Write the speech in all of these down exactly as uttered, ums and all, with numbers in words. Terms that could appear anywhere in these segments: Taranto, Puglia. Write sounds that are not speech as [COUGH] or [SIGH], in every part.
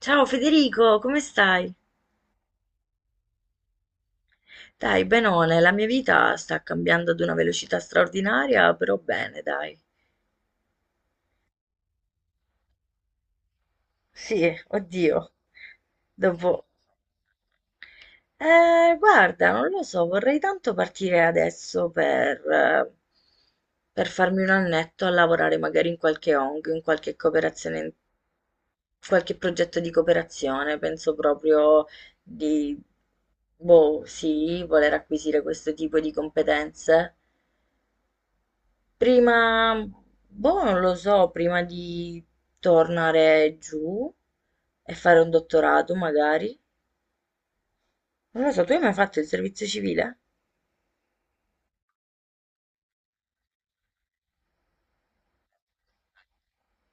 Ciao Federico, come stai? Dai, benone, la mia vita sta cambiando ad una velocità straordinaria, però bene, dai. Sì, oddio. Dopo... Eh, guarda, non lo so, vorrei tanto partire adesso per, eh, per farmi un annetto a lavorare magari in qualche O N G, in qualche cooperazione, qualche progetto di cooperazione. Penso proprio di, boh, sì, voler acquisire questo tipo di competenze prima, boh, non lo so, prima di tornare giù e fare un dottorato magari. Non lo so, tu hai mai fatto il servizio civile?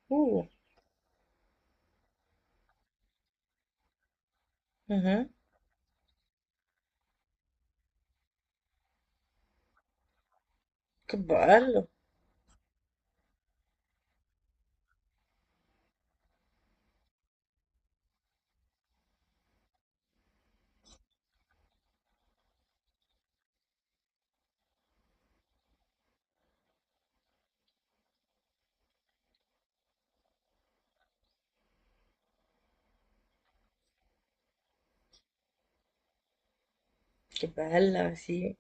Uh, mhm. Che bello, che bella, sì.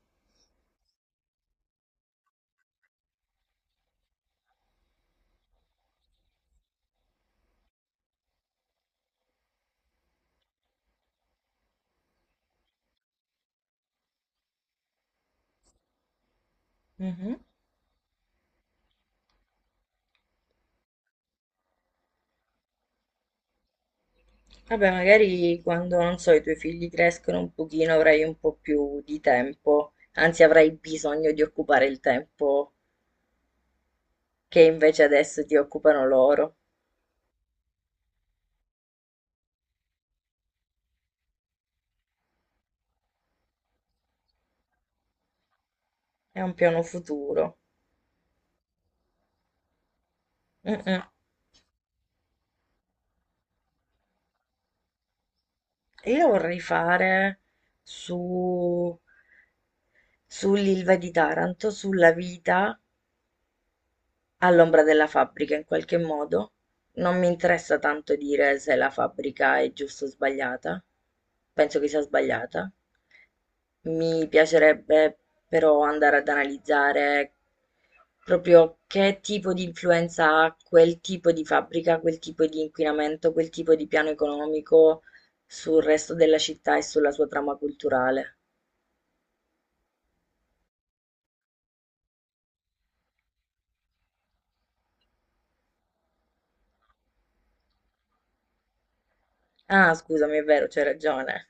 Mhm. Vabbè, magari quando, non so, i tuoi figli crescono un pochino, avrai un po' più di tempo, anzi avrai bisogno di occupare il tempo che invece adesso ti occupano loro. È un piano futuro. Mm, mm. E io la vorrei fare su, sull'Ilva di Taranto, sulla vita all'ombra della fabbrica, in qualche modo non mi interessa tanto dire se la fabbrica è giusta o sbagliata, penso che sia sbagliata, mi piacerebbe però andare ad analizzare proprio che tipo di influenza ha quel tipo di fabbrica, quel tipo di inquinamento, quel tipo di piano economico sul resto della città e sulla sua trama culturale. Ah, scusami, è vero, c'hai ragione.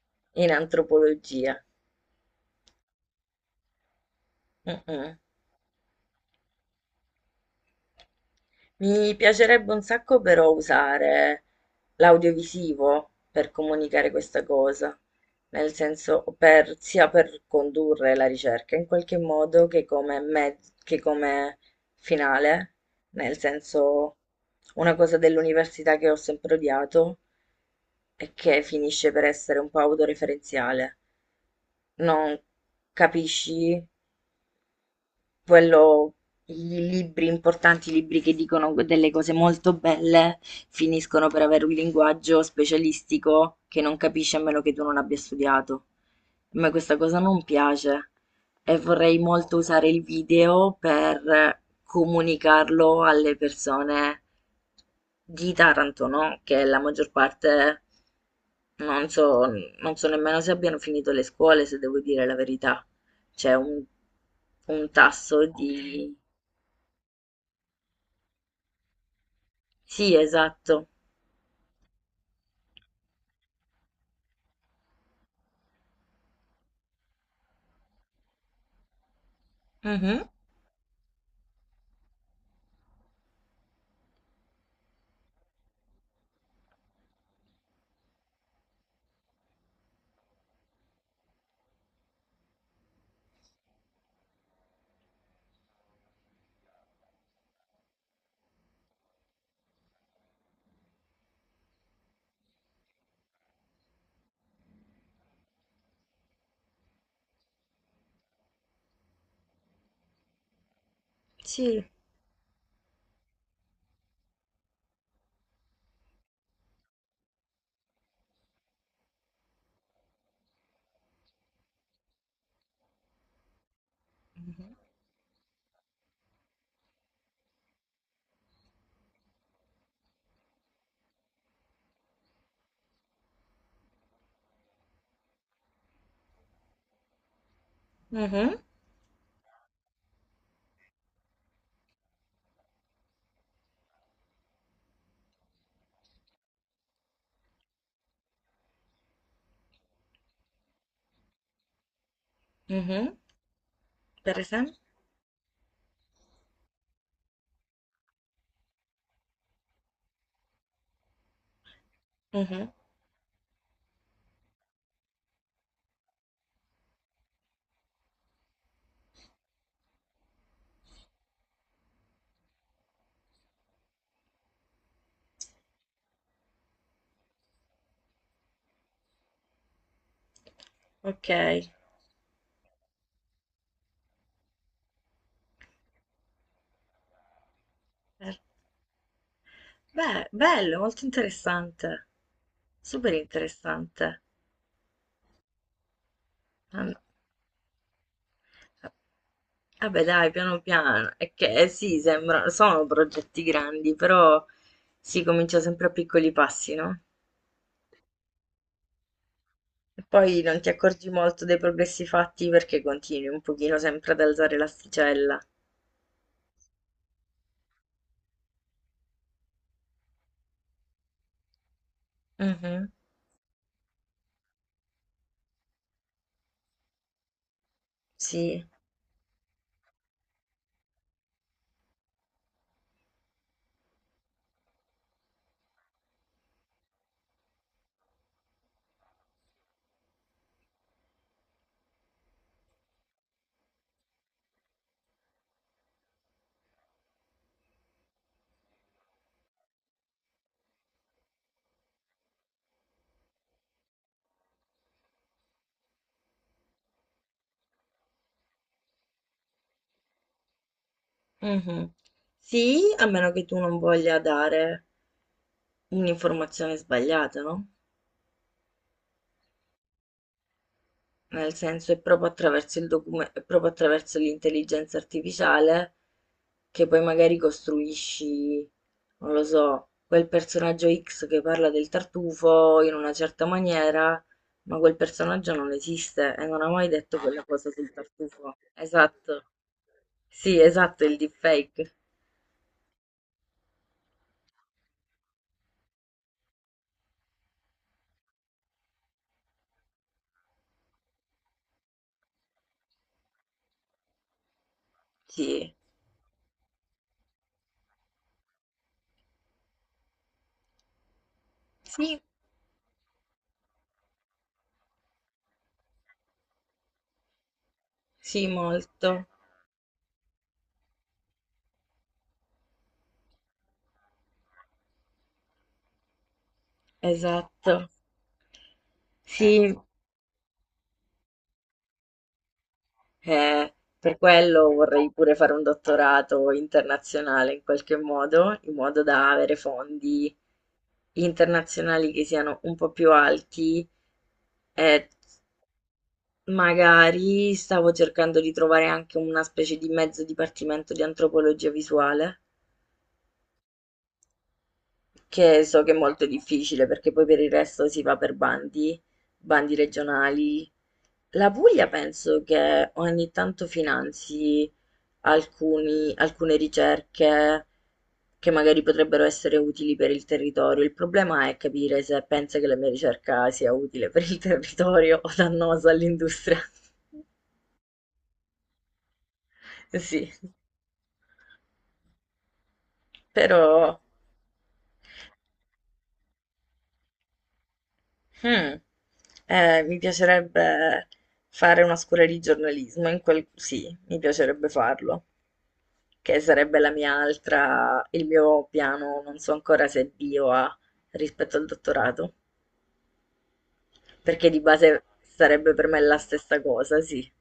[LAUGHS] In antropologia. Mm, mm. Mi piacerebbe un sacco però usare l'audiovisivo per comunicare questa cosa, nel senso per, sia per condurre la ricerca in qualche modo che come, me- che come finale, nel senso, una cosa dell'università che ho sempre odiato e che finisce per essere un po' autoreferenziale, non capisci quello, i libri importanti, i libri che dicono delle cose molto belle, finiscono per avere un linguaggio specialistico che non capisci a meno che tu non abbia studiato. A me questa cosa non piace e vorrei molto usare il video per comunicarlo alle persone di Taranto, no? Che la maggior parte, non so, non so nemmeno se abbiano finito le scuole, se devo dire la verità. C'è un, un tasso di... Sì, esatto. Mhm. Sì. Mhm. Mhm, mhm. Per esempio? Mhm. Ok. Per- Beh, bello, molto interessante. Super interessante. Am- Vabbè, dai, piano piano. È che eh, sì, sembra, sono progetti grandi, però si comincia sempre a piccoli passi, no? E poi non ti accorgi molto dei progressi fatti perché continui un pochino sempre ad alzare l'asticella. Mhm. Sì, mhm. Sì, a meno che tu non voglia dare un'informazione sbagliata, no? Nel senso, è proprio attraverso il docume- è proprio attraverso l'intelligenza artificiale che poi magari costruisci, non lo so, quel personaggio X che parla del tartufo in una certa maniera, ma quel personaggio non esiste e non ha mai detto "Ah, quella cosa sul tartufo". Esatto. Sì, esatto, il deepfake. Sì. Sì, sì, molto. Esatto. Sì, eh, per quello vorrei pure fare un dottorato internazionale in qualche modo, in modo da avere fondi internazionali che siano un po' più alti. E magari stavo cercando di trovare anche una specie di mezzo dipartimento di antropologia visuale, che so che è molto difficile perché poi per il resto si va per bandi, bandi regionali. La Puglia penso che ogni tanto finanzi alcuni alcune ricerche che magari potrebbero essere utili per il territorio. Il problema è capire se pensa che la mia ricerca sia utile per il [LAUGHS] territorio o dannosa all'industria. [LAUGHS] Sì, però hmm, eh, mi piacerebbe fare una scuola di giornalismo, in quel... sì, mi piacerebbe farlo, che sarebbe la mia altra, il mio piano, non so ancora se è bio A rispetto al dottorato. Perché di base sarebbe per me la stessa cosa, sì.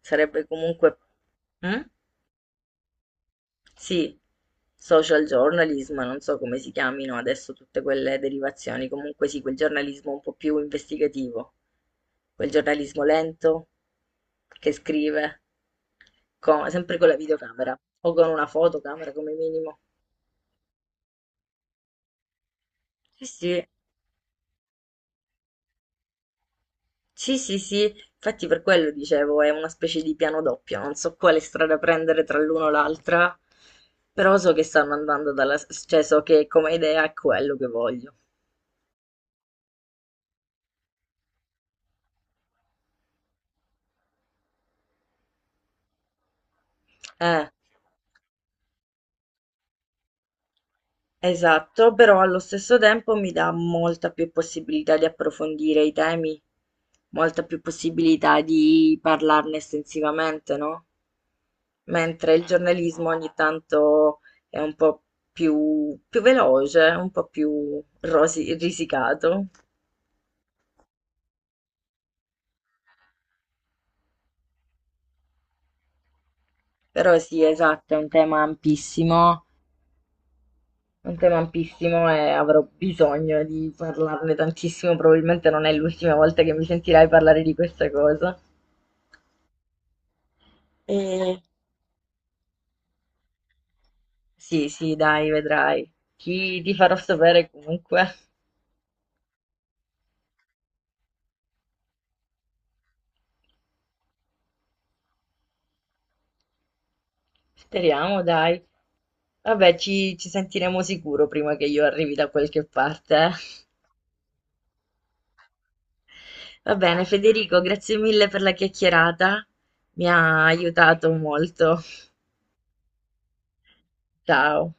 Sarebbe comunque... Mm? Sì, social journalism, non so come si chiamino adesso tutte quelle derivazioni, comunque sì, quel giornalismo un po' più investigativo, quel giornalismo lento che scrive, co- sempre con la videocamera o con una fotocamera come minimo. Sì, sì. Sì, sì, sì, infatti per quello dicevo, è una specie di piano doppio, non so quale strada prendere tra l'uno e l'altra, però so che stanno andando dalla... cioè so che come idea è quello che voglio. Eh. Esatto, però allo stesso tempo mi dà molta più possibilità di approfondire i temi, molta più possibilità di parlarne estensivamente, no? Mentre il giornalismo ogni tanto è un po' più, più veloce, un po' più rosi- risicato. Però sì, esatto, è un tema ampissimo, è un tema ampissimo e avrò bisogno di parlarne tantissimo, probabilmente non è l'ultima volta che mi sentirai parlare di questa cosa. E sì, sì, dai, vedrai. Ti, ti farò sapere comunque. Speriamo, dai. Vabbè, ci, ci sentiremo sicuro prima che io arrivi da qualche parte. Eh. Va bene, Federico, grazie mille per la chiacchierata. Mi ha aiutato molto. Ciao.